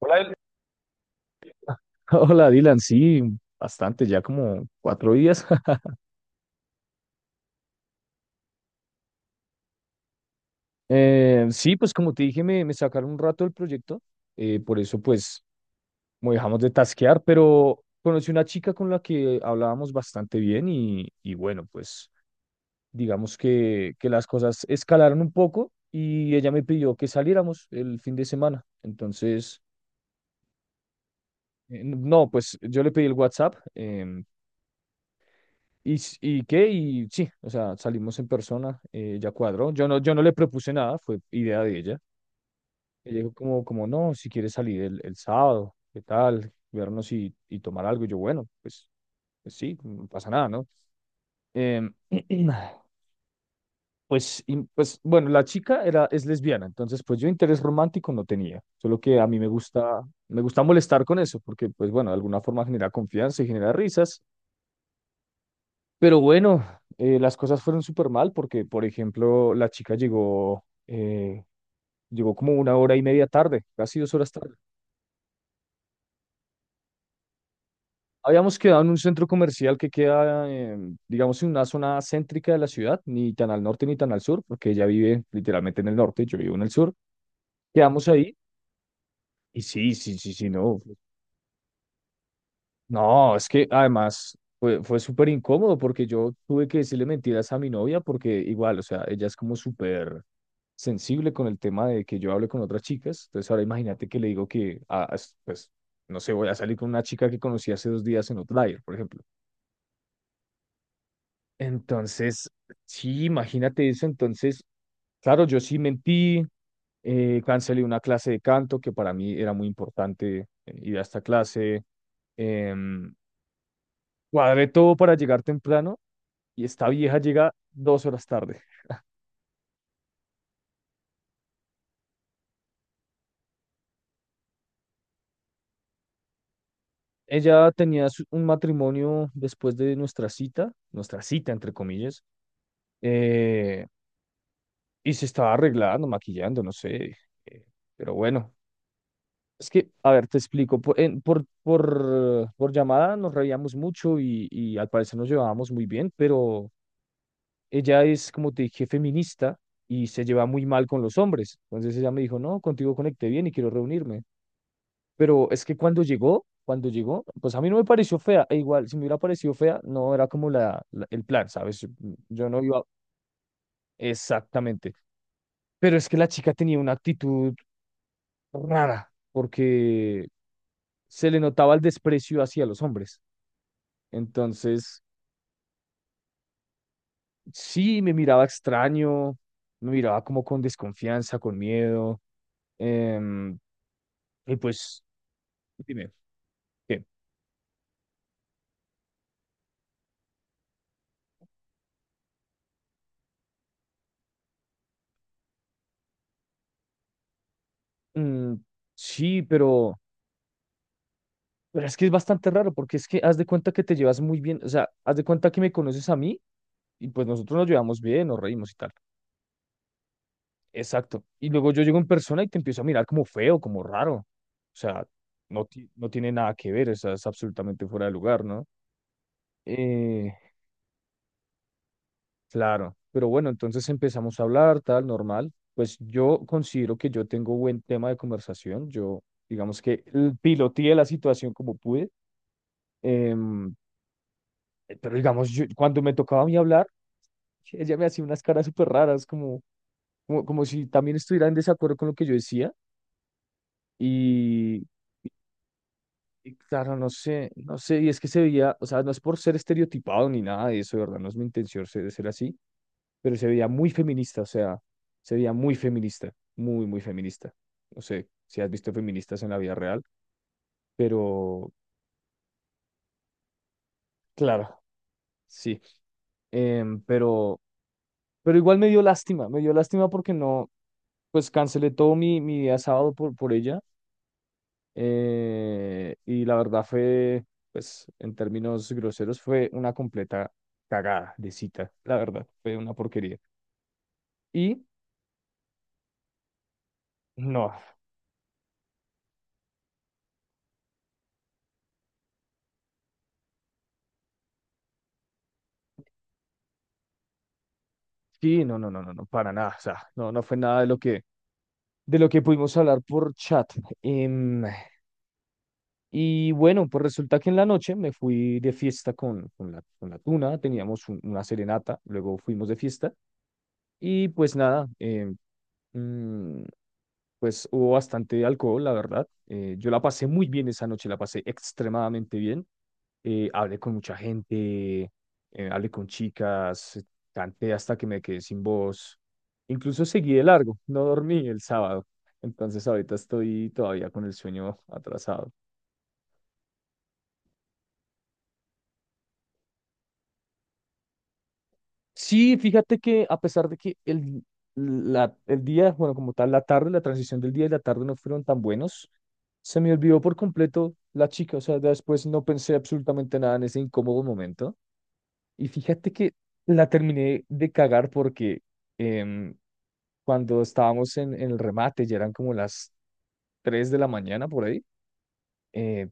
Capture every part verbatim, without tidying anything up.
Hola, El- Hola, Dylan, sí, bastante, ya como cuatro días. Eh, sí, pues como te dije, me, me sacaron un rato del proyecto, eh, por eso pues como dejamos de tasquear, pero conocí una chica con la que hablábamos bastante bien y, y bueno, pues digamos que, que las cosas escalaron un poco y ella me pidió que saliéramos el fin de semana. Entonces, eh, no, pues yo le pedí el WhatsApp. em, ¿Y, s- y qué? Y sí, o sea, salimos en persona, eh, ya cuadró. Yo no, yo no le propuse nada, fue idea de ella. Ella dijo como, como no, si quieres salir el, el sábado, ¿qué tal? Vernos y, y tomar algo. Y yo, bueno, pues, pues sí, no pasa nada, ¿no? Em, pues, y, pues, bueno, la chica era, es lesbiana, entonces pues yo interés romántico no tenía. Solo que a mí me gusta, me gusta molestar con eso, porque pues bueno, de alguna forma genera confianza y genera risas. Pero bueno, eh, las cosas fueron súper mal porque, por ejemplo, la chica llegó, eh, llegó como una hora y media tarde, casi dos horas tarde. Habíamos quedado en un centro comercial que queda, eh, digamos, en una zona céntrica de la ciudad, ni tan al norte ni tan al sur, porque ella vive literalmente en el norte, yo vivo en el sur. Quedamos ahí y sí, sí, sí, sí, no. No, es que además fue, fue súper incómodo porque yo tuve que decirle mentiras a mi novia porque igual, o sea, ella es como súper sensible con el tema de que yo hable con otras chicas. Entonces ahora imagínate que le digo que, ah, es- pues, no sé, voy a salir con una chica que conocí hace dos días en Outlier, por ejemplo. Entonces, sí, imagínate eso. Entonces, claro, yo sí mentí, eh, cancelé una clase de canto que para mí era muy importante eh, ir a esta clase. em, Cuadré todo para llegar temprano y esta vieja llega dos horas tarde. Ella tenía su- un matrimonio después de nuestra cita, nuestra cita entre comillas, eh, y se estaba arreglando, maquillando, no sé, eh, pero bueno. Es que, a ver, te explico, por, en- por, por, por llamada nos reíamos mucho y, y al parecer nos llevábamos muy bien, pero ella es, como te dije, feminista y se lleva muy mal con los hombres. Entonces ella me dijo, no, contigo conecté bien y quiero reunirme. Pero es que cuando llegó, cuando llegó, pues a mí no me pareció fea. E igual, si me hubiera parecido fea, no era como la, la- el plan, ¿sabes? Yo no iba exactamente. Pero es que la chica tenía una actitud rara, porque se le notaba el desprecio hacia los hombres. Entonces, sí, me miraba extraño, me miraba como con desconfianza, con miedo. em, y pues, dime, ¿qué? Mm, sí, pero... Pero es que es bastante raro porque es que haz de cuenta que te llevas muy bien, o sea, haz de cuenta que me conoces a mí y pues nosotros nos llevamos bien, nos reímos y tal. Exacto. Y luego yo llego en persona y te empiezo a mirar como feo, como raro. O sea, no, ti- no tiene nada que ver, o sea, es absolutamente fuera de lugar, ¿no? Eh, claro, pero bueno, entonces empezamos a hablar, tal, normal. Pues yo considero que yo tengo buen tema de conversación. Yo, digamos que eh, piloteé la situación como pude. em, eh, pero digamos, yo- cuando me tocaba a mí hablar, ella me hacía unas caras súper raras, como, como, como, si también estuviera en desacuerdo con lo que yo decía. Y, y claro, no sé, no sé, y es que se veía, o sea, no es por ser estereotipado ni nada de eso, de verdad, no es mi intención ser, ser así, pero se veía muy feminista, o sea, se veía muy feminista, muy, muy feminista. No sé si has visto feministas en la vida real, pero claro, sí. Em, pero, pero igual me dio lástima, me dio lástima porque no, pues cancelé todo mi, mi día sábado por, por ella. Eh, y la verdad fue, pues en términos groseros, fue una completa cagada de cita, la verdad, fue una porquería. Y no, sí, no, no, no, no, no, para nada, o sea, no, no fue nada de lo que, de lo que, pudimos hablar por chat. Em, y bueno, pues resulta que en la noche me fui de fiesta con, con la, con la tuna, teníamos un- una serenata, luego fuimos de fiesta y pues nada, em, mm, pues hubo bastante alcohol, la verdad. Eh, yo la pasé muy bien esa noche, la pasé extremadamente bien. Eh, hablé con mucha gente, eh, hablé con chicas, eh, canté hasta que me quedé sin voz. Incluso seguí de largo, no dormí el sábado. Entonces ahorita estoy todavía con el sueño atrasado. Sí, fíjate que a pesar de que el, la- el día, bueno, como tal, la tarde, la transición del día y la tarde no fueron tan buenos, se me olvidó por completo la chica, o sea, después no pensé absolutamente nada en ese incómodo momento. Y fíjate que la terminé de cagar porque em, cuando estábamos en, en el remate, ya eran como las tres de la mañana por ahí, eh,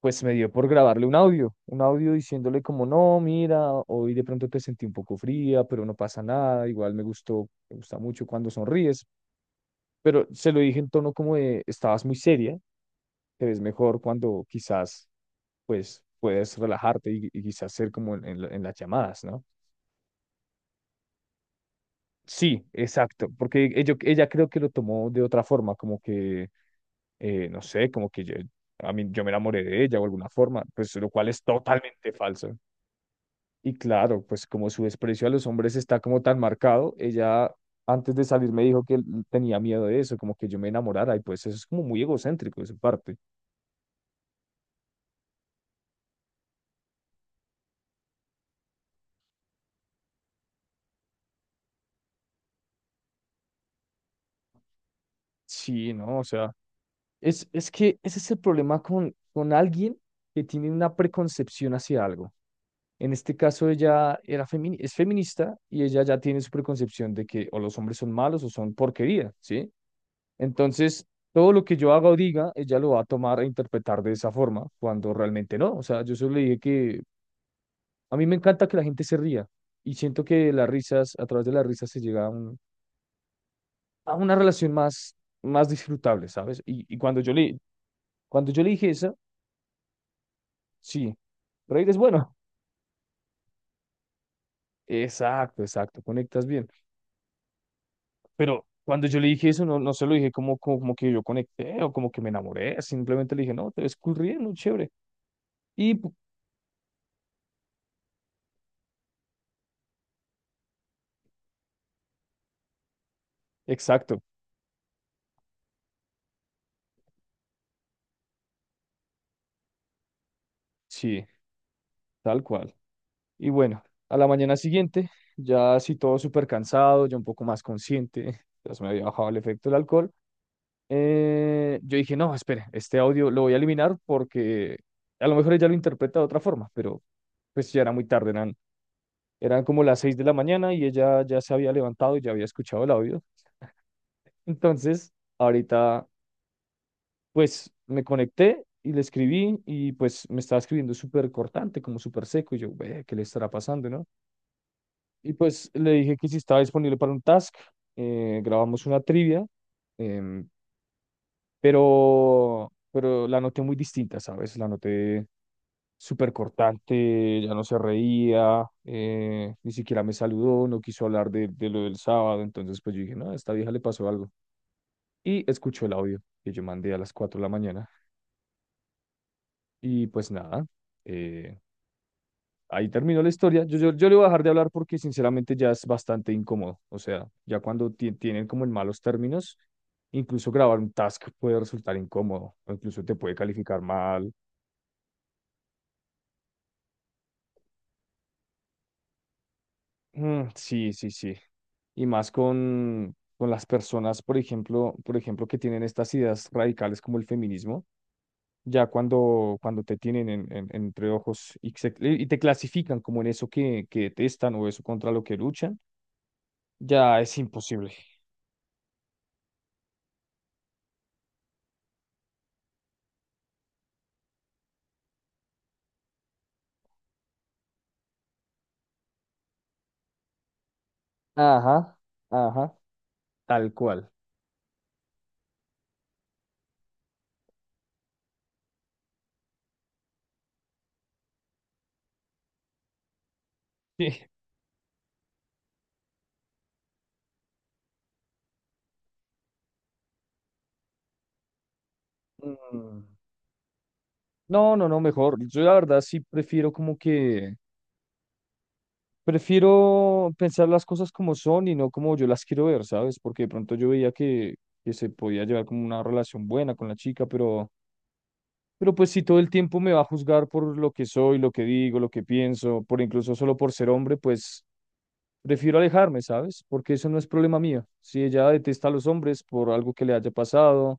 pues me dio por grabarle un audio, un audio diciéndole como, no, mira, hoy de pronto te sentí un poco fría, pero no pasa nada, igual me gustó, me gusta mucho cuando sonríes, pero se lo dije en tono como de, estabas muy seria, te ves mejor cuando quizás, pues, puedes relajarte y, y quizás ser como en, en la- en las llamadas, ¿no? Sí, exacto, porque ello- ella creo que lo tomó de otra forma, como que, eh, no sé, como que yo, a mí, yo me enamoré de ella o alguna forma, pues lo cual es totalmente falso. Y claro, pues como su desprecio a los hombres está como tan marcado, ella antes de salir me dijo que l- tenía miedo de eso, como que yo me enamorara, y pues eso es como muy egocéntrico de su parte. Sí, ¿no? O sea, es, es, que ese es el problema con, con alguien que tiene una preconcepción hacia algo. En este caso ella era femi- es feminista y ella ya tiene su preconcepción de que o los hombres son malos o son porquería, ¿sí? Entonces, todo lo que yo haga o diga, ella lo va a tomar e interpretar de esa forma, cuando realmente no. O sea, yo solo le dije que a mí me encanta que la gente se ría y siento que las risas, a través de las risas se llega a, un- a una relación más, más, disfrutable, ¿sabes? Y, y cuando yo le, cuando yo le dije eso, sí, reír es bueno. Exacto, exacto, conectas bien. Pero cuando yo le dije eso, no, no se lo dije como, como, como que yo conecté o como que me enamoré, simplemente le dije, no, te ves cool riendo, chévere. Y pu- exacto, sí, tal cual. Y bueno, a la mañana siguiente, ya así todo súper cansado, ya un poco más consciente, ya se me había bajado el efecto del alcohol, eh, yo dije, no, espere, este audio lo voy a eliminar porque a lo mejor ella lo interpreta de otra forma, pero pues ya era muy tarde, eran, eran como las seis de la mañana y ella ya se había levantado y ya había escuchado el audio. Entonces, ahorita pues me conecté y le escribí y pues me estaba escribiendo súper cortante, como súper seco y yo, ve, ¿qué le estará pasando, no? Y pues le dije que si estaba disponible para un task, eh, grabamos una trivia, em, pero, pero la noté muy distinta, ¿sabes? La noté súper cortante, ya no se reía, eh, ni siquiera me saludó, no quiso hablar de, de, lo del sábado, entonces pues yo dije, no, a esta vieja le pasó algo. Y escuchó el audio que yo mandé a las cuatro de la mañana y pues nada, eh, ahí terminó la historia. Yo, yo, yo le voy a dejar de hablar porque sinceramente ya es bastante incómodo. O sea, ya cuando ti- tienen como en malos términos, incluso grabar un task puede resultar incómodo o incluso te puede calificar mal. Mm, sí, sí, sí. Y más con, con, las personas, por ejemplo, por ejemplo, que tienen estas ideas radicales como el feminismo, ya cuando, cuando, te tienen en, en- entre ojos y, se- y te clasifican como en eso que, que detestan o eso contra lo que luchan, ya es imposible. Ajá, ajá, tal cual. Sí. Mm, no, no, no, mejor. Yo la verdad sí prefiero como que, prefiero pensar las cosas como son y no como yo las quiero ver, ¿sabes? Porque de pronto yo veía que, que se podía llevar como una relación buena con la chica, pero... Pero pues si todo el tiempo me va a juzgar por lo que soy, lo que digo, lo que pienso, por incluso solo por ser hombre, pues prefiero alejarme, ¿sabes? Porque eso no es problema mío. Si ella detesta a los hombres por algo que le haya pasado,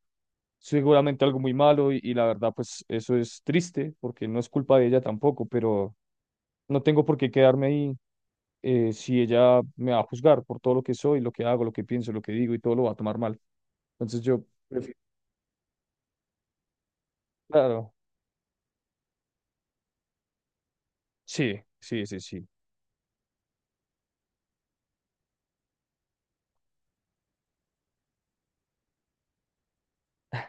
seguramente algo muy malo y, y la verdad pues eso es triste porque no es culpa de ella tampoco, pero no tengo por qué quedarme ahí eh, si ella me va a juzgar por todo lo que soy, lo que hago, lo que pienso, lo que digo y todo lo va a tomar mal. Entonces yo prefiero, claro, sí, sí, sí, sí.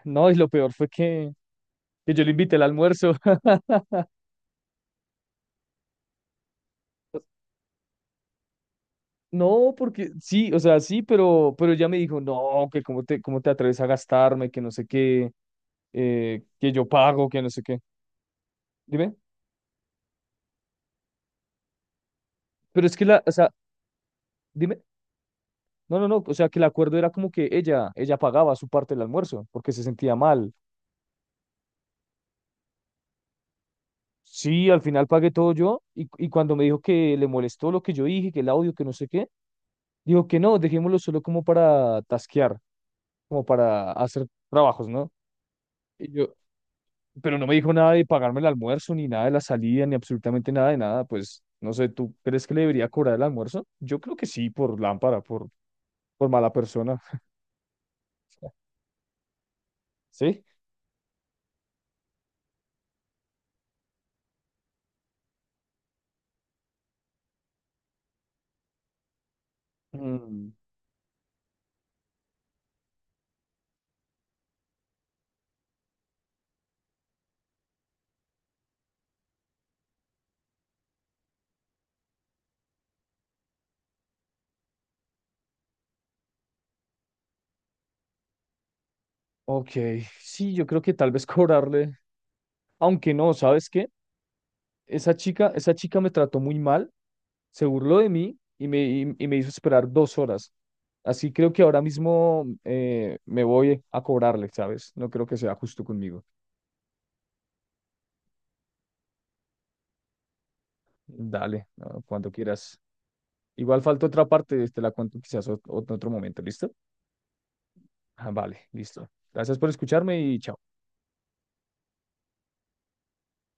No, y lo peor fue que, que, yo le invité al almuerzo. No, porque sí, o sea, sí, pero, pero ella me dijo, no, que cómo te, cómo te atreves a gastarme, que no sé qué, eh, que yo pago, que no sé qué. Dime, pero es que la, o sea, dime, no, no, no, o sea, que el acuerdo era como que ella, ella pagaba su parte del almuerzo, porque se sentía mal. Sí, al final pagué todo yo, y, y cuando me dijo que le molestó lo que yo dije, que el audio, que no sé qué, dijo que no, dejémoslo solo como para tasquear, como para hacer trabajos, ¿no? Y yo, pero no me dijo nada de pagarme el almuerzo, ni nada de la salida, ni absolutamente nada de nada. Pues no sé, ¿tú crees que le debería cobrar el almuerzo? Yo creo que sí, por lámpara, por, por mala persona. ¿Sí? Mm, ok, sí, yo creo que tal vez cobrarle. Aunque no, ¿sabes qué? Esa chica, esa chica me trató muy mal, se burló de mí y me, y, y me hizo esperar dos horas. Así creo que ahora mismo eh, me voy a cobrarle, ¿sabes? No creo que sea justo conmigo. Dale, no, cuando quieras. Igual falta otra parte, este la cuento quizás ot- ot- en otro momento, ¿listo? Ah, vale, listo. Gracias por escucharme y chao.